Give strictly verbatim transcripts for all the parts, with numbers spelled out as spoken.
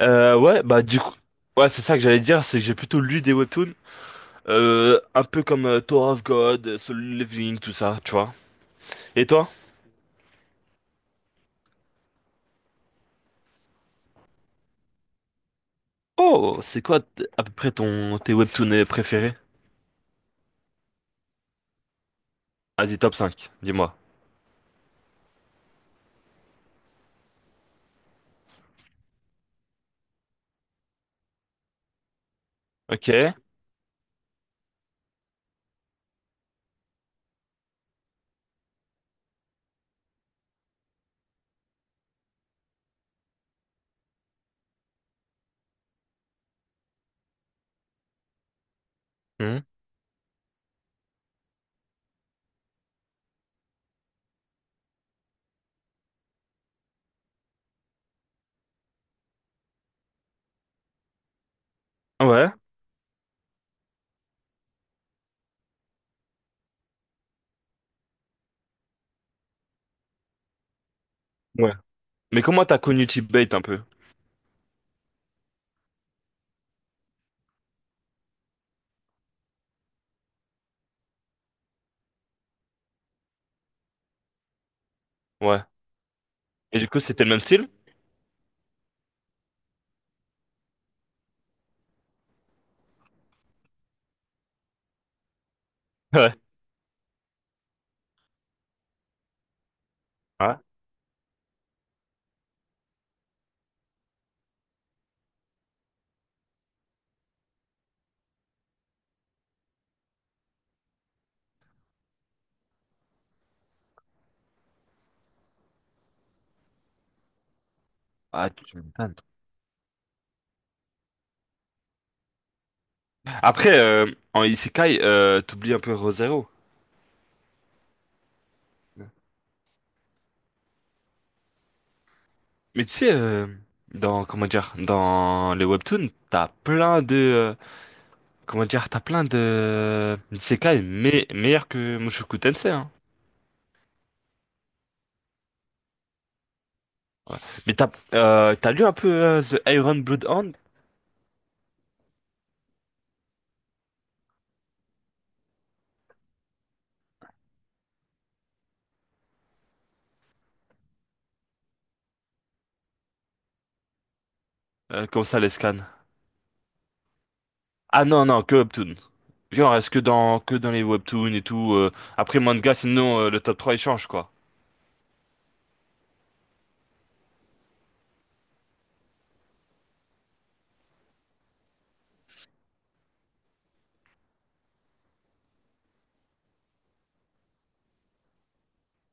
Euh, ouais, bah du coup, ouais, c'est ça que j'allais dire, c'est que j'ai plutôt lu des webtoons, euh, un peu comme euh, Tower of God, euh, Solo Leveling, tout ça, tu vois. Et toi? Oh, c'est quoi t- à peu près ton tes webtoons euh, préférés? Vas-y, top cinq dis-moi. Ok. Hmm. Ouais. Ouais. Mais comment t'as connu T-Bait un peu? Ouais. Et du coup, c'était le même style? Ouais. Ouais. Ah, tu m'étonnes. Après, euh, en Isekai, euh, t'oublies un peu Re:Zero. Mais tu sais, euh, dans, comment dire, dans les webtoons, t'as plein de, euh, comment dire, t'as plein de isekai mais meilleurs que Mushoku Tensei, hein. Mais t'as, euh, t'as lu un peu euh, The Iron Blood Hand? Euh, comment ça, les scans? Ah non, non, que webtoon. Genre, est-ce que dans, que dans les webtoons et tout, euh, après manga, sinon, euh, le top trois il change, quoi.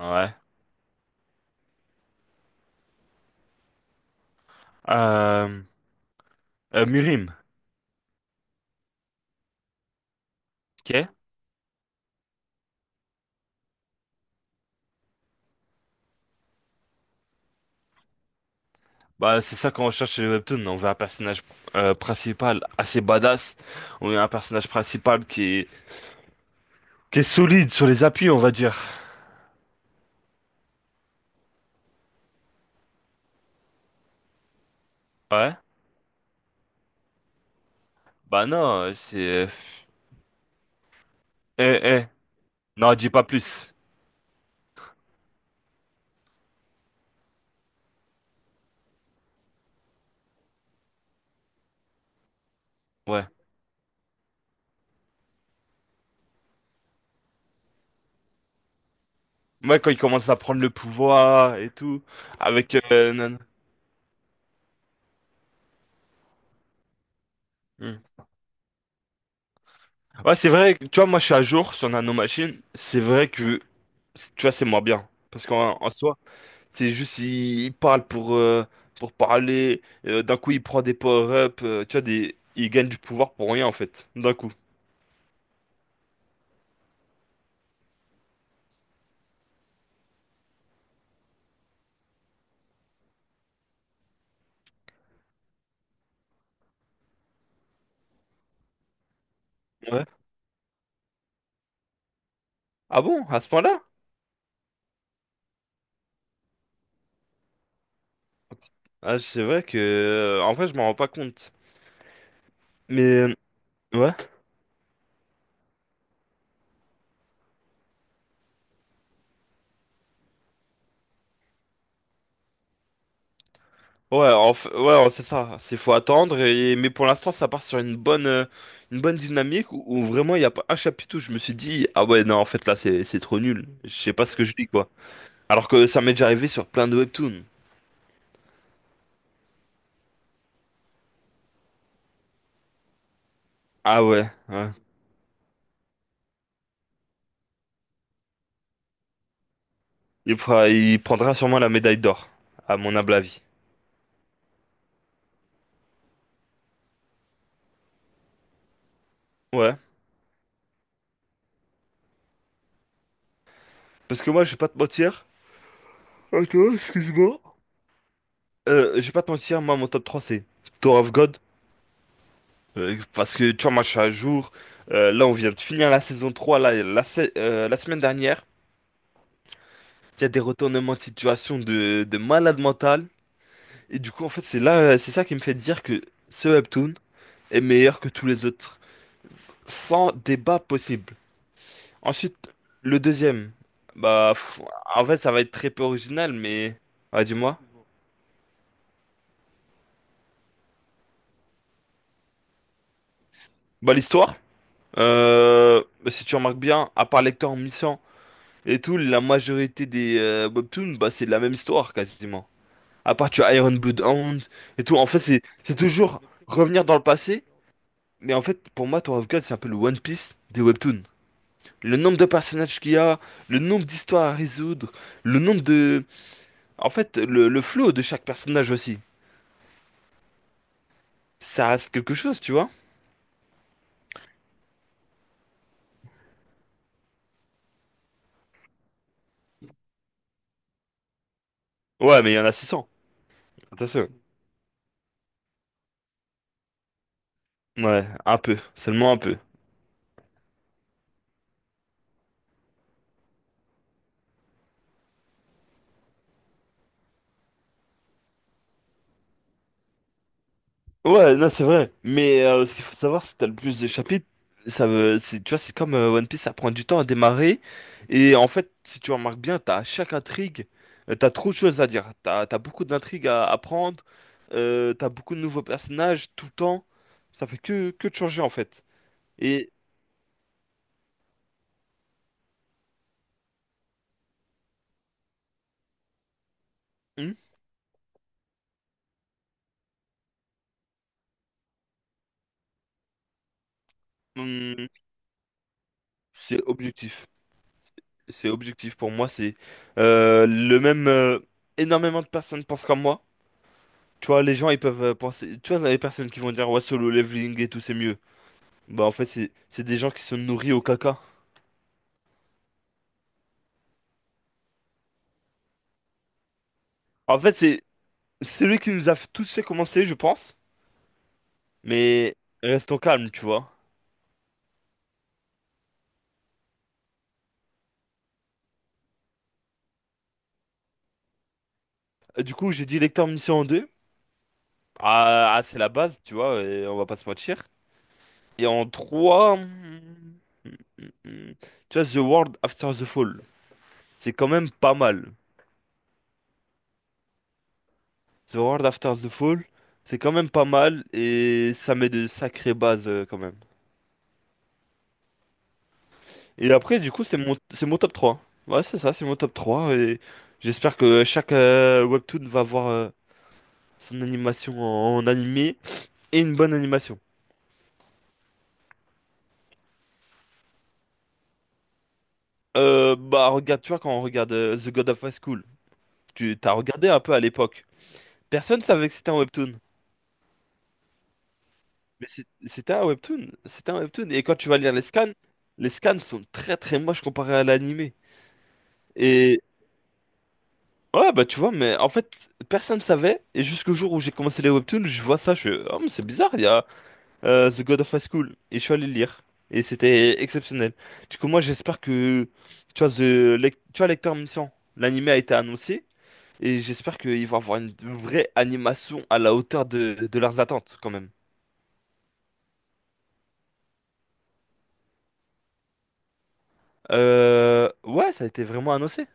Ouais. Euh, euh, Mirim, ok? Bah, c'est ça qu'on recherche chez les webtoons. On veut un personnage euh, principal assez badass. On veut un personnage principal qui est, qui est solide sur les appuis, on va dire. Ouais. Bah non, euh, c'est... Eh, eh. Non, dis pas plus. Ouais. Moi, quand il commence à prendre le pouvoir et tout, avec... euh, nan- Hmm. Ouais, c'est vrai. que- Tu vois, moi, je suis à jour sur Nano Machine. C'est vrai que, tu vois, c'est moins bien. Parce qu'en en soi... C'est juste, il, il parle pour, euh, pour parler. Euh, d'un coup, il prend des power-up. Euh, tu vois, des, il gagne du pouvoir pour rien, en fait. D'un coup. Ouais. Ah bon? À ce point-là? Ah, c'est vrai que. Euh, en vrai, je m'en rends pas compte. Mais. euh, Ouais. Ouais, en f- ouais, ouais, c'est ça. C'est faut attendre. Et... Mais pour l'instant, ça part sur une bonne, euh, une bonne dynamique où, où vraiment il y a pas un chapitre où je me suis dit, ah ouais, non, en fait là, c'est c'est trop nul. Je sais pas ce que je dis quoi. Alors que ça m'est déjà arrivé sur plein de webtoons. Ah ouais, ouais. Il fera- il prendra sûrement la médaille d'or, à mon humble avis. Ouais. Parce que moi, je vais pas te mentir. Attends, excuse-moi. Euh, je vais pas te mentir, moi, mon top trois c'est Tour of God. Euh, parce que, tu vois, moi, je suis à jour. Euh, là, on vient de finir la saison trois. Là, la, se- euh, la semaine dernière. Il y a des retournements de situation de, de malade mental. Et du coup, en fait, c'est là, euh, c'est ça qui me fait dire que ce webtoon est meilleur que tous les autres. Sans débat possible. Ensuite, le deuxième. Bah, pff, en fait, ça va être très peu original, mais. Ah, dis-moi. Bah, l'histoire. Euh, bah, si tu remarques bien, à part Lecter en et tout, la majorité des euh, webtoons, bah, c'est la même histoire quasiment. À part tu as Iron Bloodhound et tout. En fait, c'est c'est toujours revenir dans le passé. Mais en fait, pour moi, Tower of God, c'est un peu le One Piece des webtoons. Le nombre de personnages qu'il y a, le nombre d'histoires à résoudre, le nombre de. En fait, le, le flow de chaque personnage aussi. Ça reste quelque chose, tu vois? Ouais, mais il y en a six cents. Attention. Ouais, un peu. Seulement un peu. Ouais, non, c'est vrai. Mais euh, ce qu'il faut savoir, c'est que t'as le plus de chapitres. Ça veut, c'est, tu vois, c'est comme euh, One Piece, ça prend du temps à démarrer. Et en fait, si tu remarques bien, t'as chaque intrigue, euh, t'as trop de choses à dire. T'as, t'as beaucoup d'intrigues à apprendre. Euh, t'as beaucoup de nouveaux personnages tout le temps. Ça fait que, que de changer, en fait. Et hum, hum, c'est objectif. C'est objectif pour moi, c'est euh, le même. Euh, énormément de personnes pensent comme moi. Tu vois, les gens ils peuvent euh, penser. Tu vois, les personnes qui vont dire ouais, solo leveling et tout, c'est mieux. Bah, en fait, c'est c'est des gens qui se nourrissent au caca. En fait, c'est c'est lui qui nous a tous fait commencer, je pense. Mais restons calmes, tu vois. Et du coup, j'ai dit lecteur mission en deux. Ah, ah, c'est la base, tu vois, et on va pas se mentir. Et en trois. Tu vois, The World After the Fall. C'est quand même pas mal. The World After the Fall, c'est quand même pas mal et ça met de sacrées bases euh, quand même. Et après, du coup, c'est mon, c'est mon top trois. Ouais, c'est ça, c'est mon top trois. Et j'espère que chaque euh, webtoon va avoir euh, son animation en, en animé et une bonne animation. Euh, bah, regarde, tu vois, quand on regarde euh, The God of High School, tu t'as regardé un peu à l'époque. Personne savait que c'était un webtoon. Mais c'est- c'était un webtoon, c'était un webtoon. Et quand tu vas lire les scans, les scans sont très très moches comparés à l'animé. Et ouais, bah tu vois, mais en fait, personne savait, et jusqu'au jour où j'ai commencé les webtoons, je vois ça, je fais, oh, mais c'est bizarre, il y a euh, The God of High School, et je suis allé le lire, et c'était exceptionnel. Du coup, moi, j'espère que, tu vois, The Lec- tu vois, Lecteur Mission, l'anime a été annoncé, et j'espère qu'ils vont avoir une vraie animation à la hauteur de, de leurs attentes, quand même. Euh, ouais, ça a été vraiment annoncé.